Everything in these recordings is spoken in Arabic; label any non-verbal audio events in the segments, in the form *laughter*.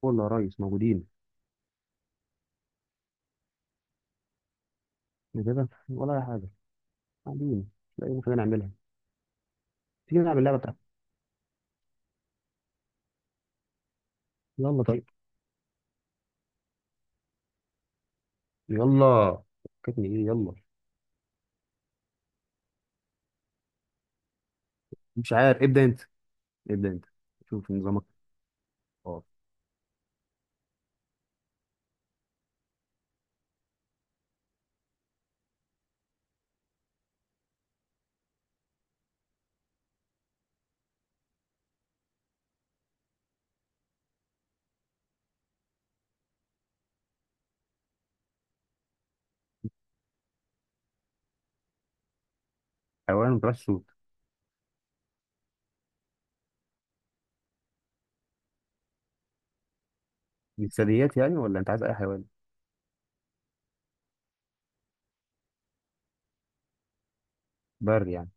كله يا ريس موجودين. إيه كده ولا اي حاجه؟ قاعدين، مش لاقيين حاجه نعملها. تيجي نلعب اللعبه بتاعتك. يلا طيب. يلا. فكتني ايه، يلا. مش عارف، ابدا انت. ابدا انت شوف نظامك. اه. حيوان ما بتعرفش صوت. دي ثدييات يعني ولا انت عايز اي حيوان؟ بر يعني.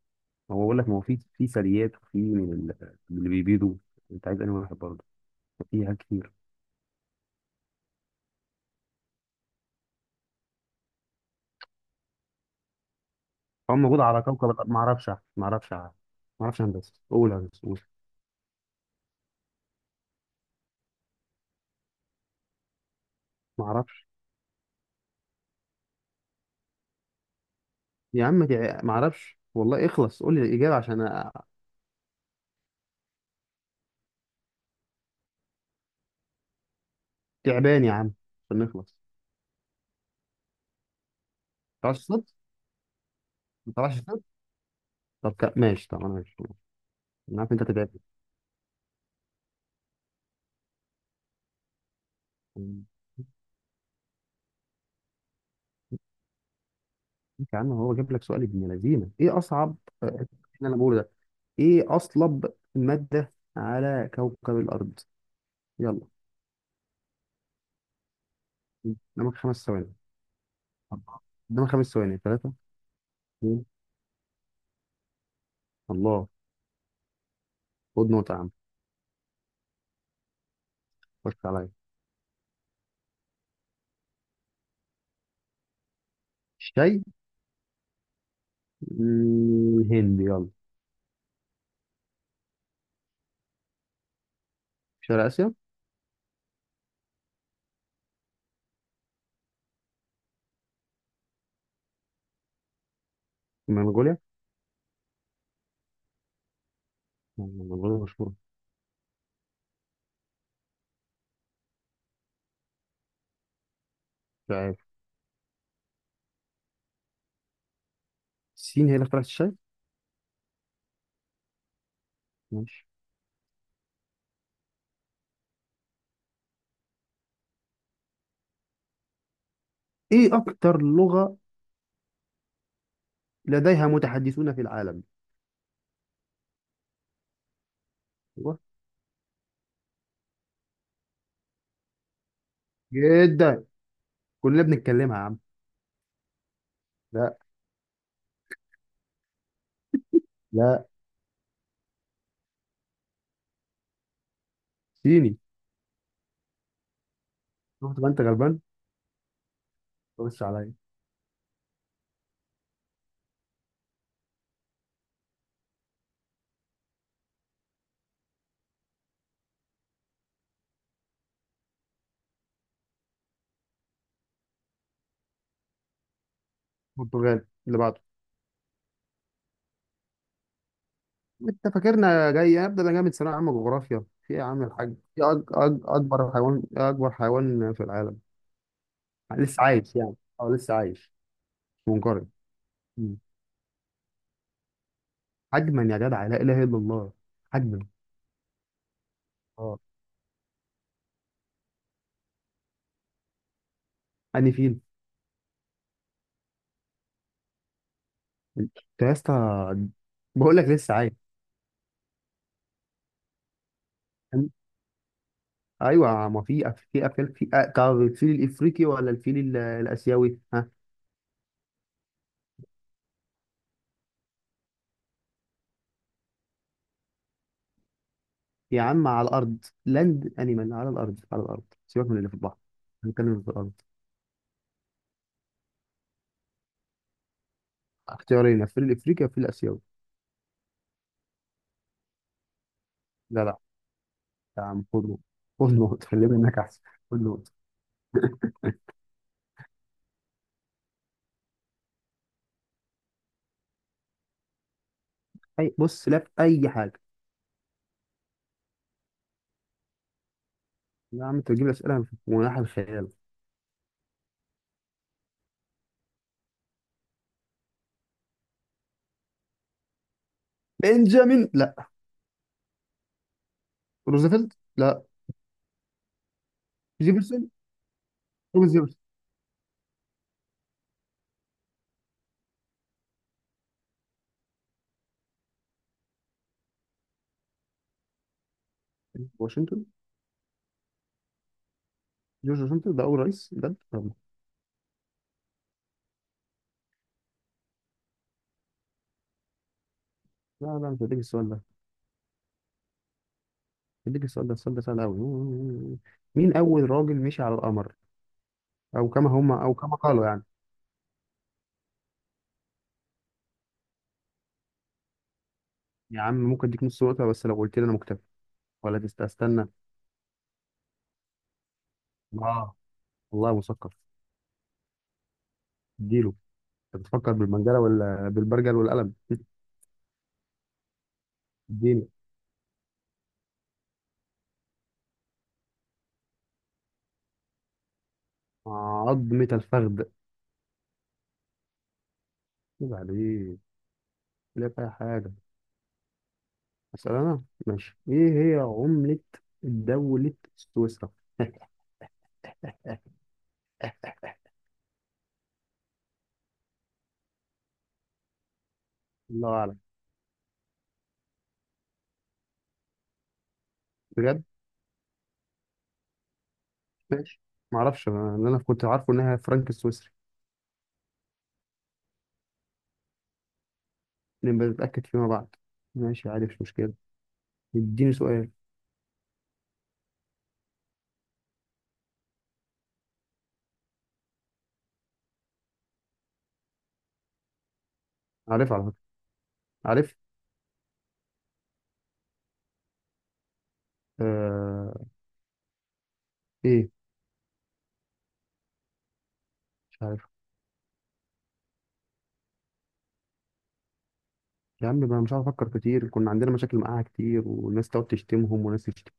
هو بقول لك ما هو في ثدييات، وفي من من اللي بيبيضوا. انت عايز انهي واحد برضه؟ في حاجات كتير. هو موجود على كوكب الأرض. ما اعرفش. ما اعرفش ما يا هندسه قول يا هندسه قول. ما اعرفش. يا عم ما اعرفش والله، اخلص قول لي الاجابه، عشان تعبان يا عم، عشان نخلص. ما طلعش الصوت. ما طلعش الصوت. طب ماشي. طب انا ماشي. انا عارف انت هتتعبني. ماشي. يا عم هو جاب لك سؤال ابن لذينه، ايه اصعب؟ اللي انا بقوله ده، ايه اصلب ماده على كوكب الارض؟ يلا، قدامك خمس ثواني. أربعة. قدامك خمس ثواني، ثلاثه، اثنين. الله. خد نقطه يا عم. خش عليا. الشاي. الهند، يلا. شرق اسيا. منغوليا. منغوليا مشهوره. مش عارف. الصين هي اللي اخترعت الشاي. ماشي. ايه اكتر لغه لديها متحدثون في العالم؟ أيوة. جدا، كلنا بنتكلمها يا عم. لا. لا. صيني. شفت بقى انت غلبان. خش عليا. برتغال اللي بعده. انت فاكرنا جاي ابدا؟ انا جاي من ثانويه عامه جغرافيا. في إيه يا عم الحاج؟ في اكبر حيوان، اكبر حيوان في العالم. لسه عايش يعني، اه لسه عايش. منقرض. مم. حجما يا جدع، لا اله الا الله. حجما. اه. اني فين. انت يا اسطى، بقول لك لسه عايش. ايوه، ما في في افيال، في طب الفيل الافريقي ولا الفيل الاسيوي، ها؟ يا عم على الارض، لاند انيمال، على الارض، على الارض، سيبك من اللي في البحر. هنتكلم في الارض. اختيارين، الفيل الافريقي والفيل الاسيوي. لا لا. يا عم خد نقطة. خد نقطة، خلي منك احسن. خد نقطة. اي بص، لا في اي حاجة. يا عم انت بتجيب لي اسئلة في مناحة الخيال. بنجامين، لا. روزفلت، لا. جيفرسون. توماس جيفرسون. واشنطن. جورج واشنطن، ده اول رئيس بجد. طب. لا لا، مش هديك السؤال ده. اديك السؤال ده، السؤال ده سهل قوي. مين اول راجل مشي على القمر، او كما هم، او كما قالوا يعني؟ يا عم ممكن اديك نص نقطه، بس لو قلت لي انا مكتفي ولا استنى. اه والله مثقف. اديله. انت بتفكر بالمنجله ولا بالبرجل والقلم *laughs* اديله. عظمه الفخذ. عيب عليك، لا فيها حاجه. اسال انا، ماشي. ايه هي عمله دوله سويسرا؟ الله اعلم. بجد. ماشي. معرفش، انا اللي انا كنت عارفه انها فرنك السويسري. نبقى نتأكد فيما بعد. ماشي، عارف، مش مشكلة. اديني سؤال. عارف على فكرة. عارف. آه... ايه. مش عارف. يا عم ما أنا مش عارف افكر كتير، كنا عندنا مشاكل معاها كتير، والناس تقعد تشتمهم وناس تشتم.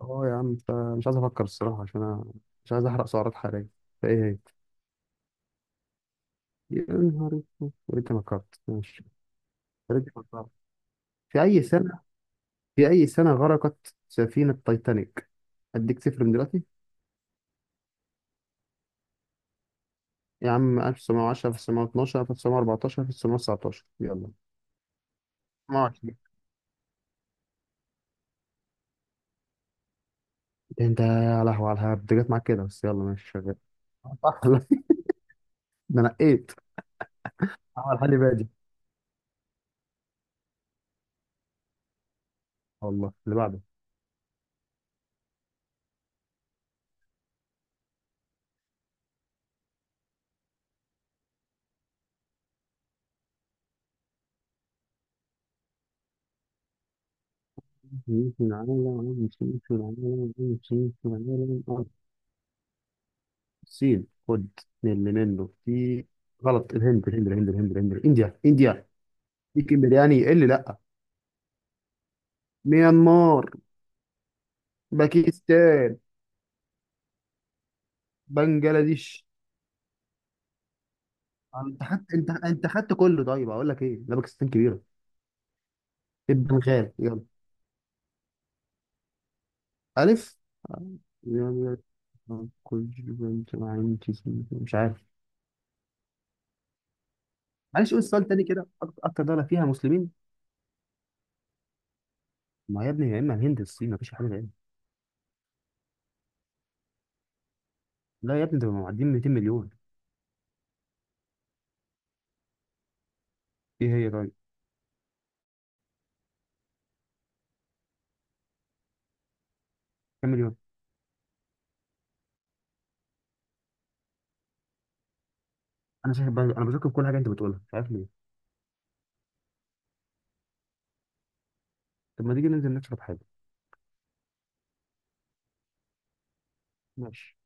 اه يا عم، فمش عايز افكر الصراحة، عشان انا مش عايز احرق سعرات حرارية. فايه هي؟ يا نهار اسود، انت فكرت، ماشي. يا ريتني فكرت. في اي سنة، غرقت سفينة تايتانيك؟ اديك صفر من دلوقتي. يا عم، 1910، 1912، 1914، 1919، يلا. 1920. انت يا لهوي، على الهبد جت معاك كده، بس يلا ماشي شغال. صح *laughs* والله. ده نقيت، عمل حالي بادي. والله اللي بعده. نمشي العالم، نمشي العالم، نمشي العالم. الصين، خد من اللي منه في. غلط. الهند الهند الهند الهند الهند، انديا انديا. ليك برياني، إيه اللي لا. ميانمار. باكستان. بنجلاديش. انت خدت، انت خدت كله، طيب اقول لك ايه؟ لا باكستان كبيره. البنغال، يلا. ألف يعني. كل بنت عندي. مش عارف. معلش، قول السؤال تاني كده. أكتر دولة فيها مسلمين. ما يا ابني، يا إما الهند يا الصين، مفيش حاجة غيرها. لا يا ابني، ده معديين 200 مليون. إيه هي طيب؟ كام مليون؟ أنا شايف أنا بشك في كل حاجة أنت بتقولها، مش عارف ليه. طب ما تيجي ننزل نشرب حاجة. ماشي.